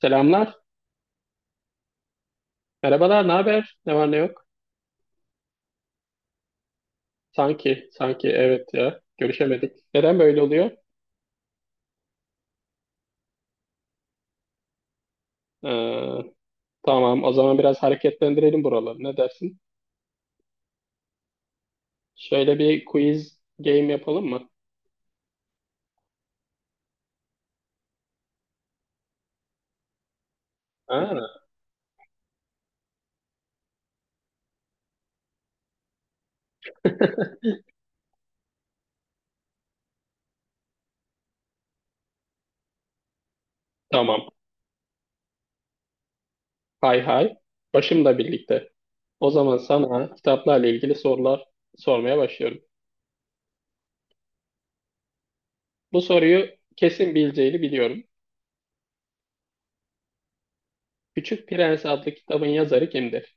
Selamlar. Merhabalar. Ne haber? Ne var ne yok? Sanki evet ya. Görüşemedik. Neden böyle oluyor? Ee, tamam. O zaman biraz hareketlendirelim buraları. Ne dersin? Şöyle bir quiz game yapalım mı? Ha, tamam. Hay hay. Başımla birlikte. O zaman sana kitaplarla ilgili sorular sormaya başlıyorum. Bu soruyu kesin bileceğini biliyorum. Küçük Prens adlı kitabın yazarı kimdir?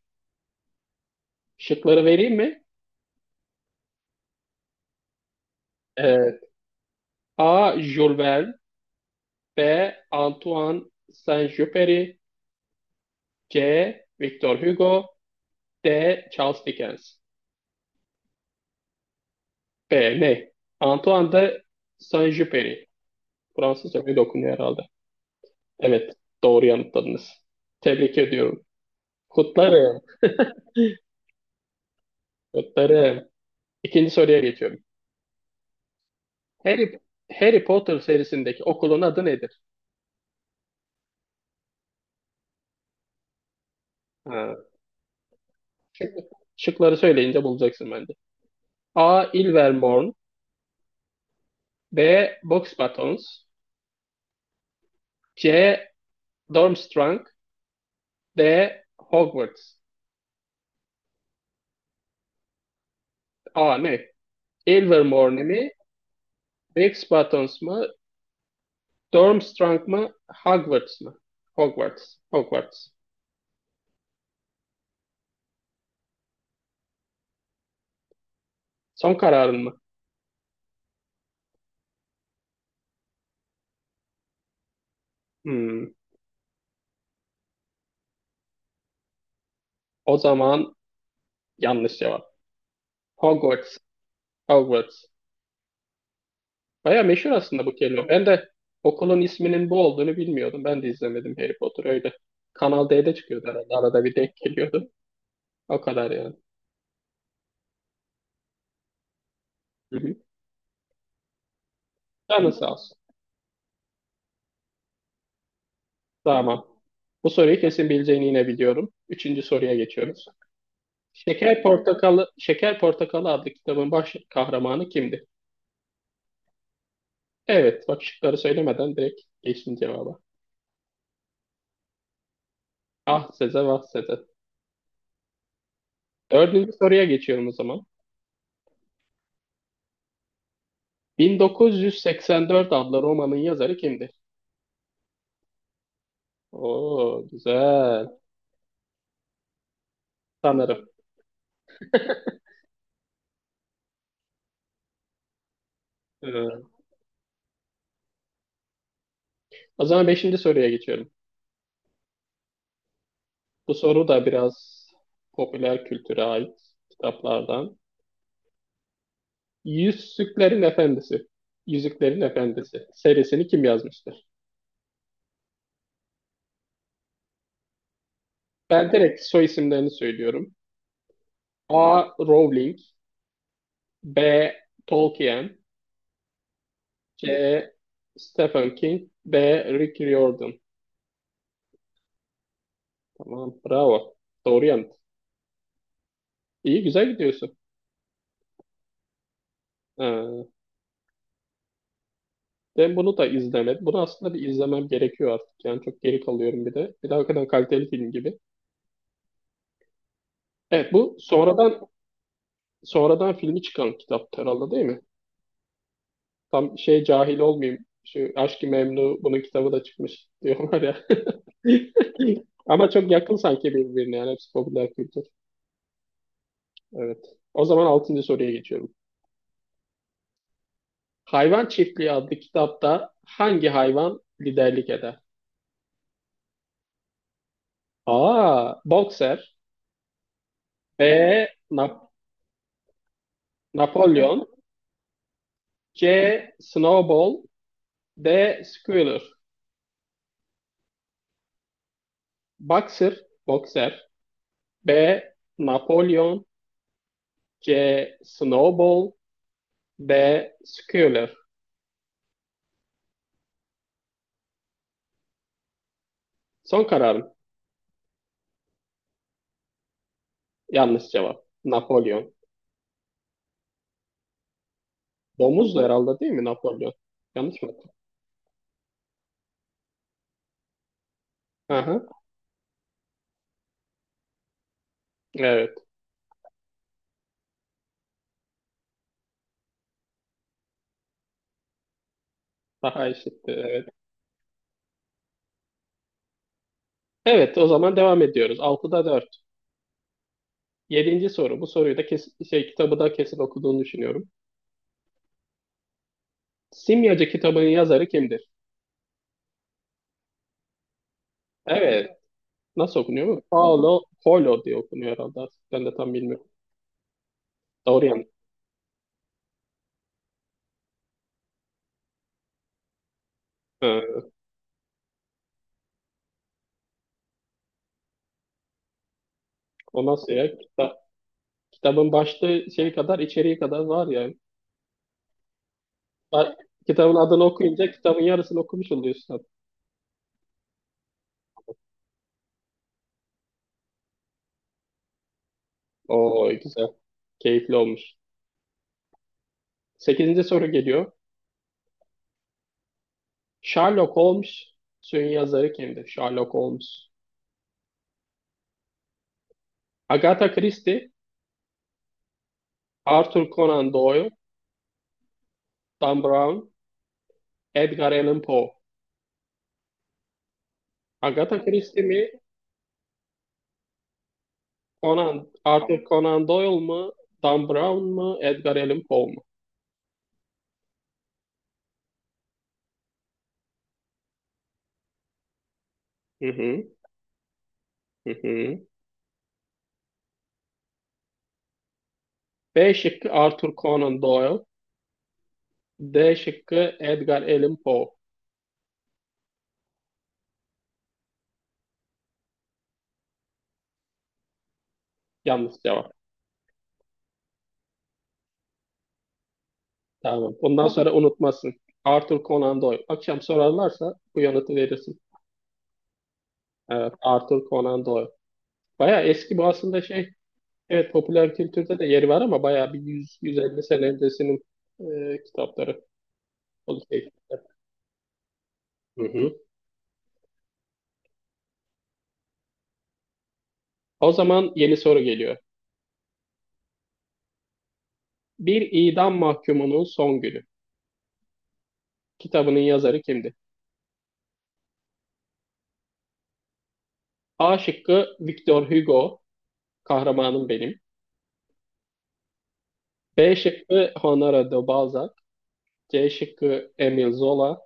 Şıkları vereyim mi? Evet. A. Jules Verne, B. Antoine Saint-Exupéry, C. Victor Hugo, D. Charles Dickens. B. Ne? Antoine de Saint-Exupéry. Fransızca böyle okunuyor herhalde. Evet. Doğru yanıtladınız. Tebrik ediyorum. Kutlarım. Kutlarım. İkinci soruya geçiyorum. Harry, Harry Potter serisindeki okulun adı nedir? Ha. Şimdi şıkları söyleyince bulacaksın bence. A. Ilvermorny, B. Boxbatons, C. Durmstrang, D. Hogwarts. A ne? Ilvermorny mi? Rex Buttons mı? Durmstrang mı? Hogwarts mı? Hogwarts. Hogwarts. Son kararın mı? Hmm. O zaman yanlış cevap. Hogwarts. Hogwarts. Baya meşhur aslında bu kelime. Ben de okulun isminin bu olduğunu bilmiyordum. Ben de izlemedim Harry Potter öyle. Kanal D'de çıkıyordu herhalde. Arada bir denk geliyordu. O kadar yani. Hı hı. Canın sağ olsun. Tamam. Bu soruyu kesin bileceğini yine biliyorum. Üçüncü soruya geçiyoruz. Şeker Portakalı adlı kitabın baş kahramanı kimdi? Evet, bak şıkları söylemeden direkt geçtim cevaba. Ah Seze, vah Seze. Dördüncü soruya geçiyorum o zaman. 1984 adlı romanın yazarı kimdir? Oo, güzel. Sanırım. Ee, o zaman beşinci soruya geçiyorum. Bu soru da biraz popüler kültüre ait kitaplardan. Yüzüklerin Efendisi. Yüzüklerin Efendisi serisini kim yazmıştır? Ben direkt soy isimlerini söylüyorum. A. Rowling, B. Tolkien, C. Stephen King, D. Rick Riordan. Tamam, bravo. Doğru yanıt. İyi, güzel gidiyorsun. Ee, ben bunu da izlemedim. Bunu aslında bir izlemem gerekiyor artık. Yani çok geri kalıyorum bir de. Bir de hakikaten kaliteli film gibi. Evet, bu sonradan filmi çıkan kitap herhalde, değil mi? Tam şey cahil olmayayım. Şu Aşk-ı Memnu bunun kitabı da çıkmış diyorlar ya. Ama çok yakın sanki birbirine, yani hepsi popüler kültür. Evet. O zaman 6. soruya geçiyorum. Hayvan Çiftliği adlı kitapta hangi hayvan liderlik eder? A. Boxer, B. Napolyon, C. Snowball, D. Squealer. Boxer Boxer, B. Napolyon, C. Snowball, D. Squealer. Son kararım. Yanlış cevap. Napolyon. Domuzdu herhalde, değil mi Napolyon? Yanlış mı? Aha. Evet. Daha eşitti. Evet, o zaman devam ediyoruz. 6'da 4. Yedinci soru. Bu soruyu da kesin, şey, kitabı da kesin okuduğunu düşünüyorum. Simyacı kitabının yazarı kimdir? Evet. Nasıl okunuyor mu? Paulo Coelho diye okunuyor herhalde artık. Ben de tam bilmiyorum. Doğru yani. Ha, o nasıl ya? Kitabın başlığı şey kadar, içeriği kadar var yani. Ha, kitabın adını okuyunca kitabın yarısını okumuş oluyorsun. Oo, güzel. Keyifli olmuş. Sekizinci soru geliyor. Sherlock Holmes'un yazarı kimdir? Sherlock Holmes. Agatha Christie, Arthur Conan Doyle, Dan Brown, Edgar Allan Poe. Agatha Christie mi? Conan, Arthur Conan Doyle mu? Dan Brown mu? Edgar Allan Poe mu? Hı hı, hı hı. B şıkkı Arthur Conan Doyle. D şıkkı Edgar Allan Poe. Yanlış cevap. Tamam. Bundan sonra unutmasın. Arthur Conan Doyle. Akşam sorarlarsa bu yanıtı verirsin. Evet, Arthur Conan Doyle. Baya eski bu aslında, şey, evet popüler kültürde de yeri var ama bayağı bir 100-150 sene öncesinin kitapları. O şey. Hı hı. O zaman yeni soru geliyor. Bir idam mahkumunun son günü. Kitabının yazarı kimdi? A şıkkı Victor Hugo, kahramanım benim. B şıkkı Honoré de Balzac. C şıkkı Emile Zola.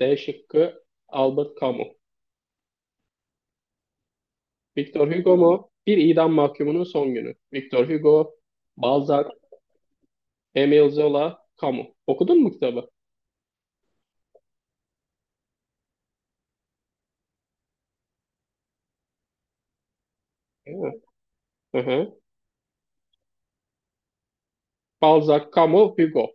D şıkkı Albert Camus. Victor Hugo mu? Bir idam mahkumunun son günü. Victor Hugo, Balzac, Emile Zola, Camus. Okudun mu kitabı? Hı hı. Balzac, Camus, Hugo.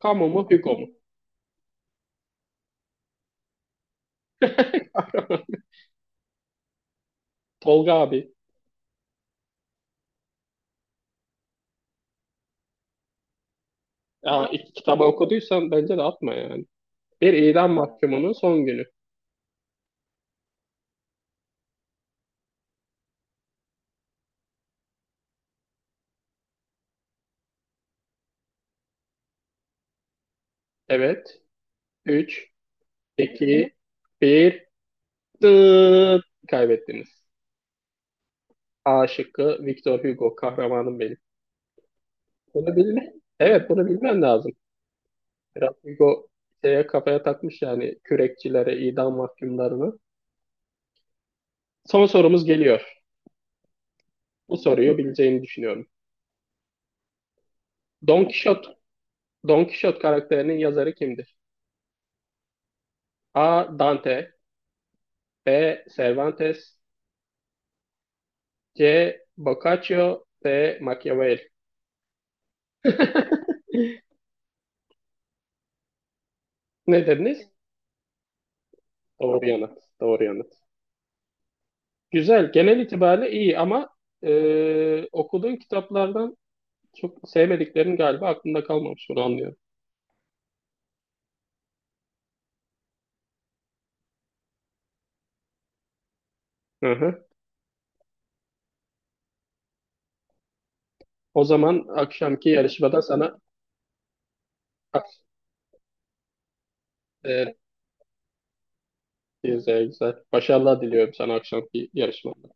Camus mu, Hugo mu? Tolga abi. Ya, iki kitabı okuduysan bence de atma yani. Bir idam mahkumunun son günü. Evet. 3, 2, 1. Dıt. Kaybettiniz. A şıkkı Victor Hugo. Kahramanım benim. Bunu bilme. Evet, bunu bilmen lazım. Biraz Hugo şeye kafaya takmış yani, kürekçilere, idam mahkumlarını. Son sorumuz geliyor. Bu soruyu bileceğini düşünüyorum. Don Quixote Don Quixote karakterinin yazarı kimdir? A. Dante, B. Cervantes, C. Boccaccio, D. Machiavelli. Ne dediniz? Doğru yanıt. Doğru yanıt. Güzel. Genel itibariyle iyi ama, okuduğun kitaplardan çok sevmediklerin galiba aklında kalmamış. Onu anlıyorum. Hı hı. O zaman akşamki yarışmada sana, e, güzel güzel. Başarılar diliyorum sana akşamki yarışmada.